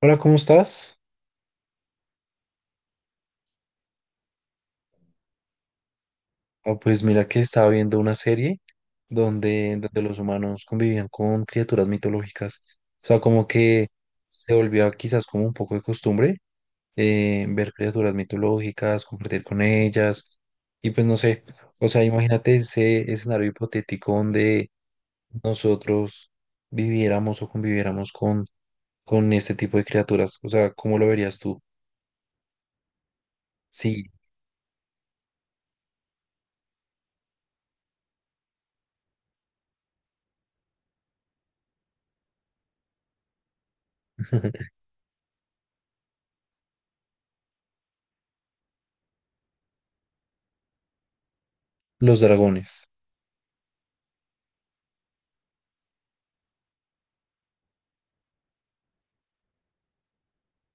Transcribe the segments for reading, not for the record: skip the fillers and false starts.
Hola, ¿cómo estás? Ah, pues mira que estaba viendo una serie donde los humanos convivían con criaturas mitológicas. O sea, como que se volvió quizás como un poco de costumbre, ver criaturas mitológicas, compartir con ellas. Y pues no sé, o sea, imagínate ese escenario hipotético donde nosotros viviéramos o conviviéramos con este tipo de criaturas. O sea, ¿cómo lo verías tú? Sí, los dragones.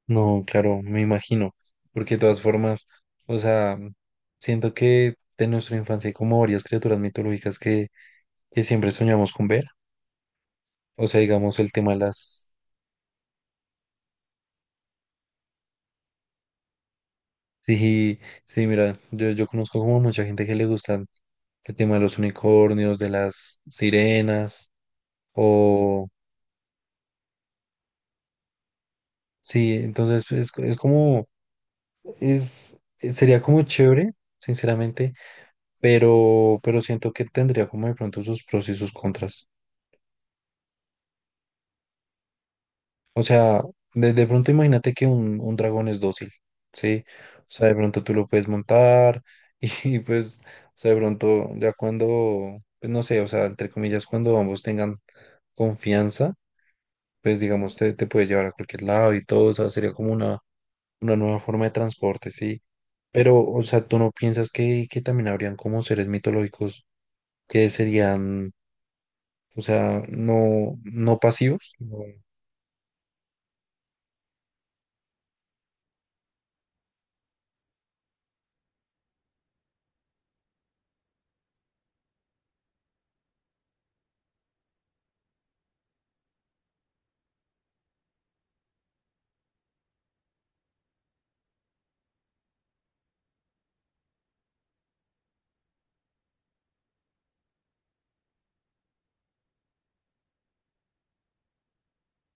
No, claro, me imagino, porque de todas formas, o sea, siento que de nuestra infancia hay como varias criaturas mitológicas que siempre soñamos con ver, o sea, digamos el tema de las... Sí, sí, mira, yo conozco como mucha gente que le gustan el tema de los unicornios, de las sirenas, o... Sí, entonces pues, es como, es, sería como chévere, sinceramente, pero siento que tendría como de pronto sus pros y sus contras. O sea, de pronto imagínate que un dragón es dócil, ¿sí? O sea, de pronto tú lo puedes montar y, pues, o sea, de pronto ya cuando, pues no sé, o sea, entre comillas, cuando ambos tengan confianza, pues digamos, te puede llevar a cualquier lado y todo, o sea, sería como una nueva forma de transporte, ¿sí? Pero, o sea, ¿tú no piensas que también habrían como seres mitológicos que serían, o sea, no pasivos? No,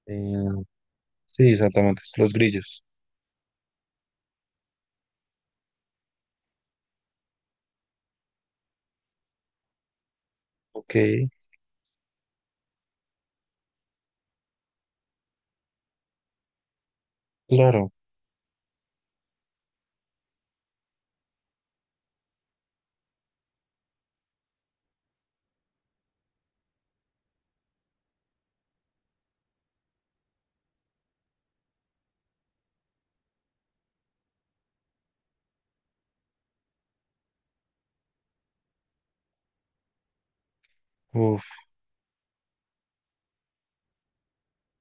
eh, sí, exactamente, los grillos. Ok, claro. Uf.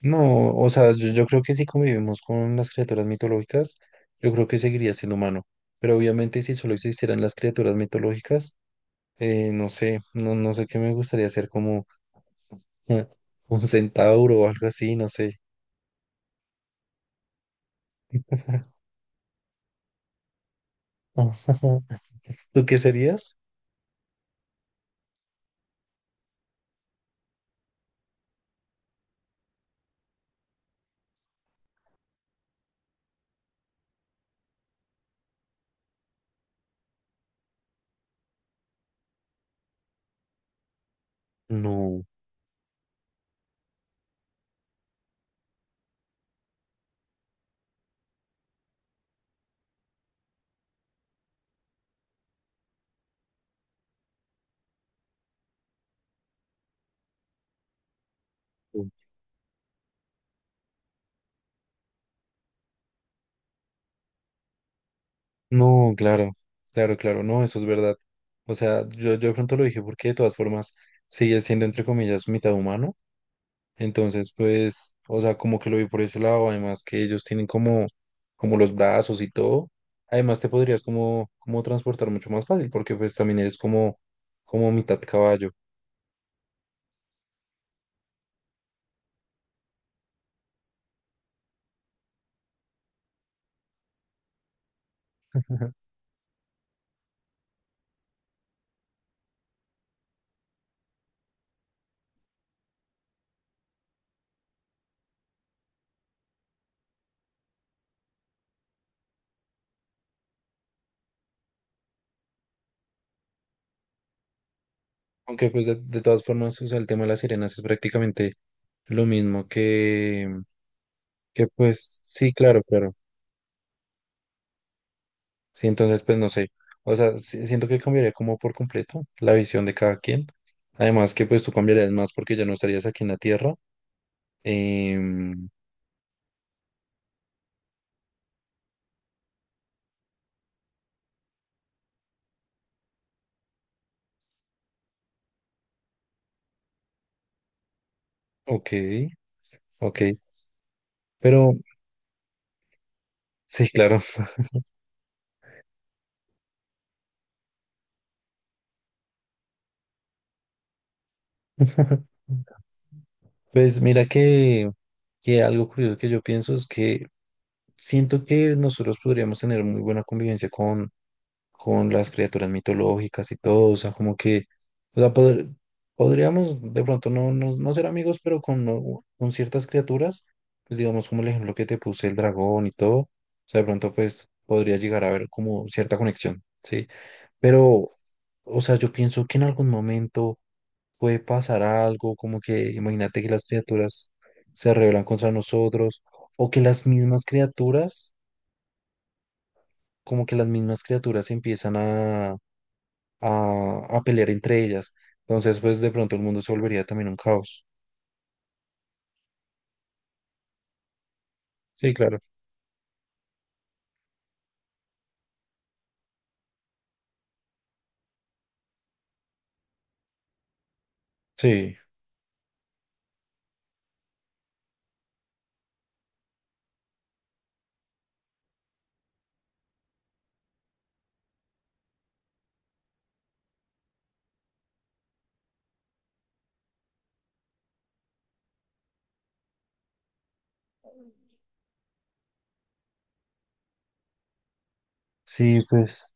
No, o sea, yo creo que si convivimos con las criaturas mitológicas, yo creo que seguiría siendo humano. Pero obviamente si solo existieran las criaturas mitológicas, no sé, no sé qué me gustaría ser como eh, un centauro o algo así, no sé. ¿Tú qué serías? No, no, claro, claro, claro, no, eso es verdad. O sea, yo de pronto lo dije porque de todas formas sigue siendo entre comillas mitad humano. Entonces, pues, o sea, como que lo vi por ese lado, además que ellos tienen como, como los brazos y todo. Además, te podrías como, como transportar mucho más fácil, porque pues también eres como, como mitad caballo. Aunque pues de todas formas, o sea, el tema de las sirenas es prácticamente lo mismo que pues, sí, claro, claro. Sí, entonces, pues no sé. O sea, si- siento que cambiaría como por completo la visión de cada quien. Además que pues tú cambiarías más porque ya no estarías aquí en la tierra. Em, ok, ok. Pero sí, claro. Pues mira que algo curioso que yo pienso es que siento que nosotros podríamos tener muy buena convivencia con las criaturas mitológicas y todo, o sea, como que, o sea, poder- podríamos de pronto no, no, no ser amigos, pero con, no- con ciertas criaturas, pues digamos como el ejemplo que te puse, el dragón y todo, o sea, de pronto pues podría llegar a haber como cierta conexión, ¿sí? Pero, o sea, yo pienso que en algún momento puede pasar algo, como que imagínate que las criaturas se rebelan contra nosotros o que las mismas criaturas, como que las mismas criaturas empiezan a pelear entre ellas. Entonces, pues de pronto el mundo se volvería también un caos. Sí, claro. Sí, sí, pues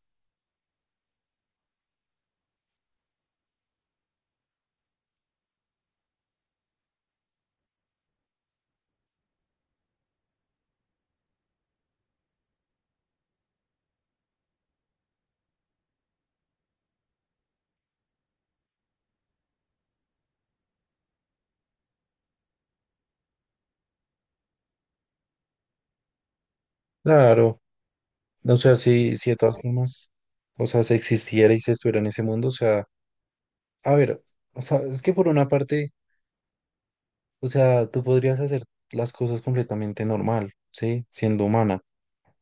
claro. O sea, sí, sí, de todas formas, o sea, si existiera y se estuviera en ese mundo, o sea, a ver, o sea, es que por una parte, o sea, tú podrías hacer las cosas completamente normal, ¿sí? Siendo humana.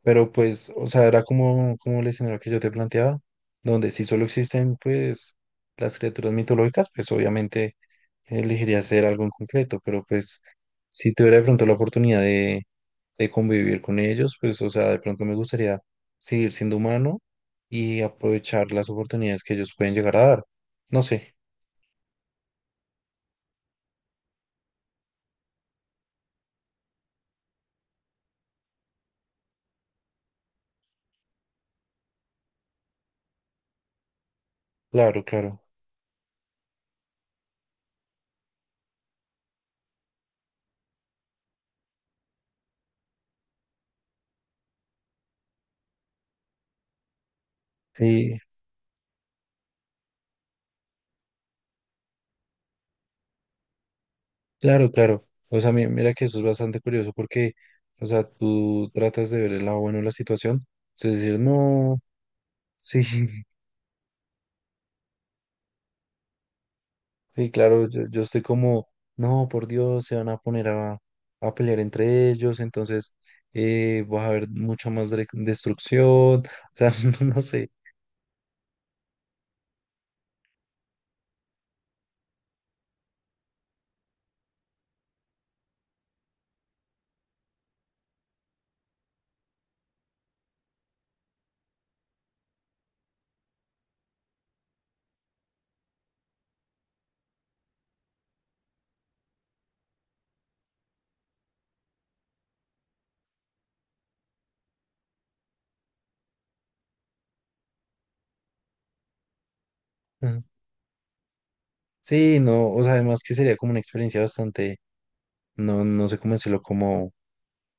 Pero pues, o sea, era como, como el escenario que yo te planteaba, donde si solo existen pues las criaturas mitológicas, pues obviamente elegiría hacer algo en concreto, pero pues si tuviera de pronto la oportunidad de convivir con ellos, pues o sea, de pronto me gustaría seguir siendo humano y aprovechar las oportunidades que ellos pueden llegar a dar. No sé, claro, claro. Claro, claro. O sea, mi- mira que eso es bastante curioso porque, o sea, tú tratas de ver el lado bueno de la situación. Entonces decir, no, sí, sí, claro, yo estoy como, no, por Dios, se van a poner a pelear entre ellos, entonces va a haber mucha más dre- destrucción. O sea, no, no sé. Ajá. Sí, no, o sea, además que sería como una experiencia bastante, no, no sé cómo decirlo, como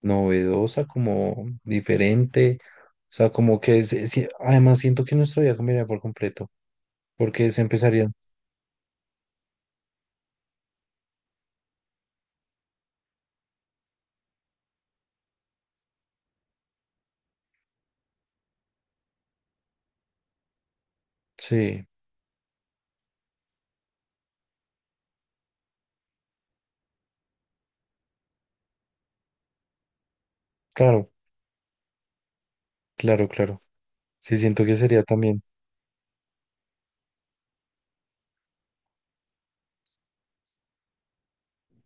novedosa, como diferente. O sea, como que es- además siento que nuestra vida cambiaría por completo, porque se empezarían. Sí, claro, claro, claro. Sí, siento que sería también.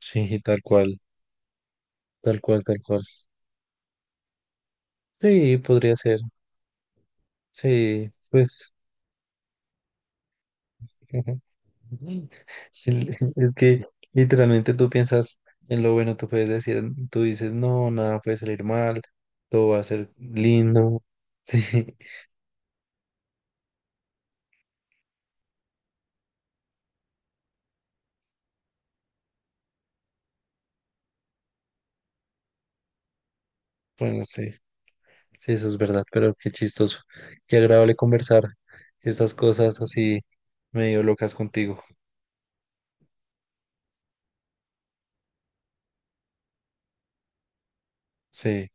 Sí, tal cual, tal cual, tal cual. Sí, podría ser. Sí, pues. El- Es que literalmente tú piensas en lo bueno, tú puedes decir, tú dices, no, nada puede salir mal, todo va a ser lindo. Sí, bueno, sí. Sí, eso es verdad, pero qué chistoso. Qué agradable conversar estas cosas así medio locas contigo. Sí,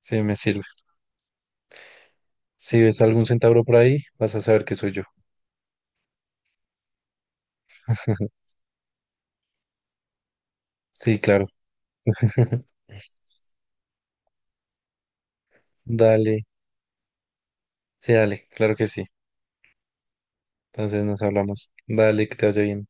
sí, me sirve. Si ves algún centauro por ahí, vas a saber que soy yo. Sí, claro. Dale, sí, dale, claro que sí. Entonces nos hablamos. Dale, que te vaya bien.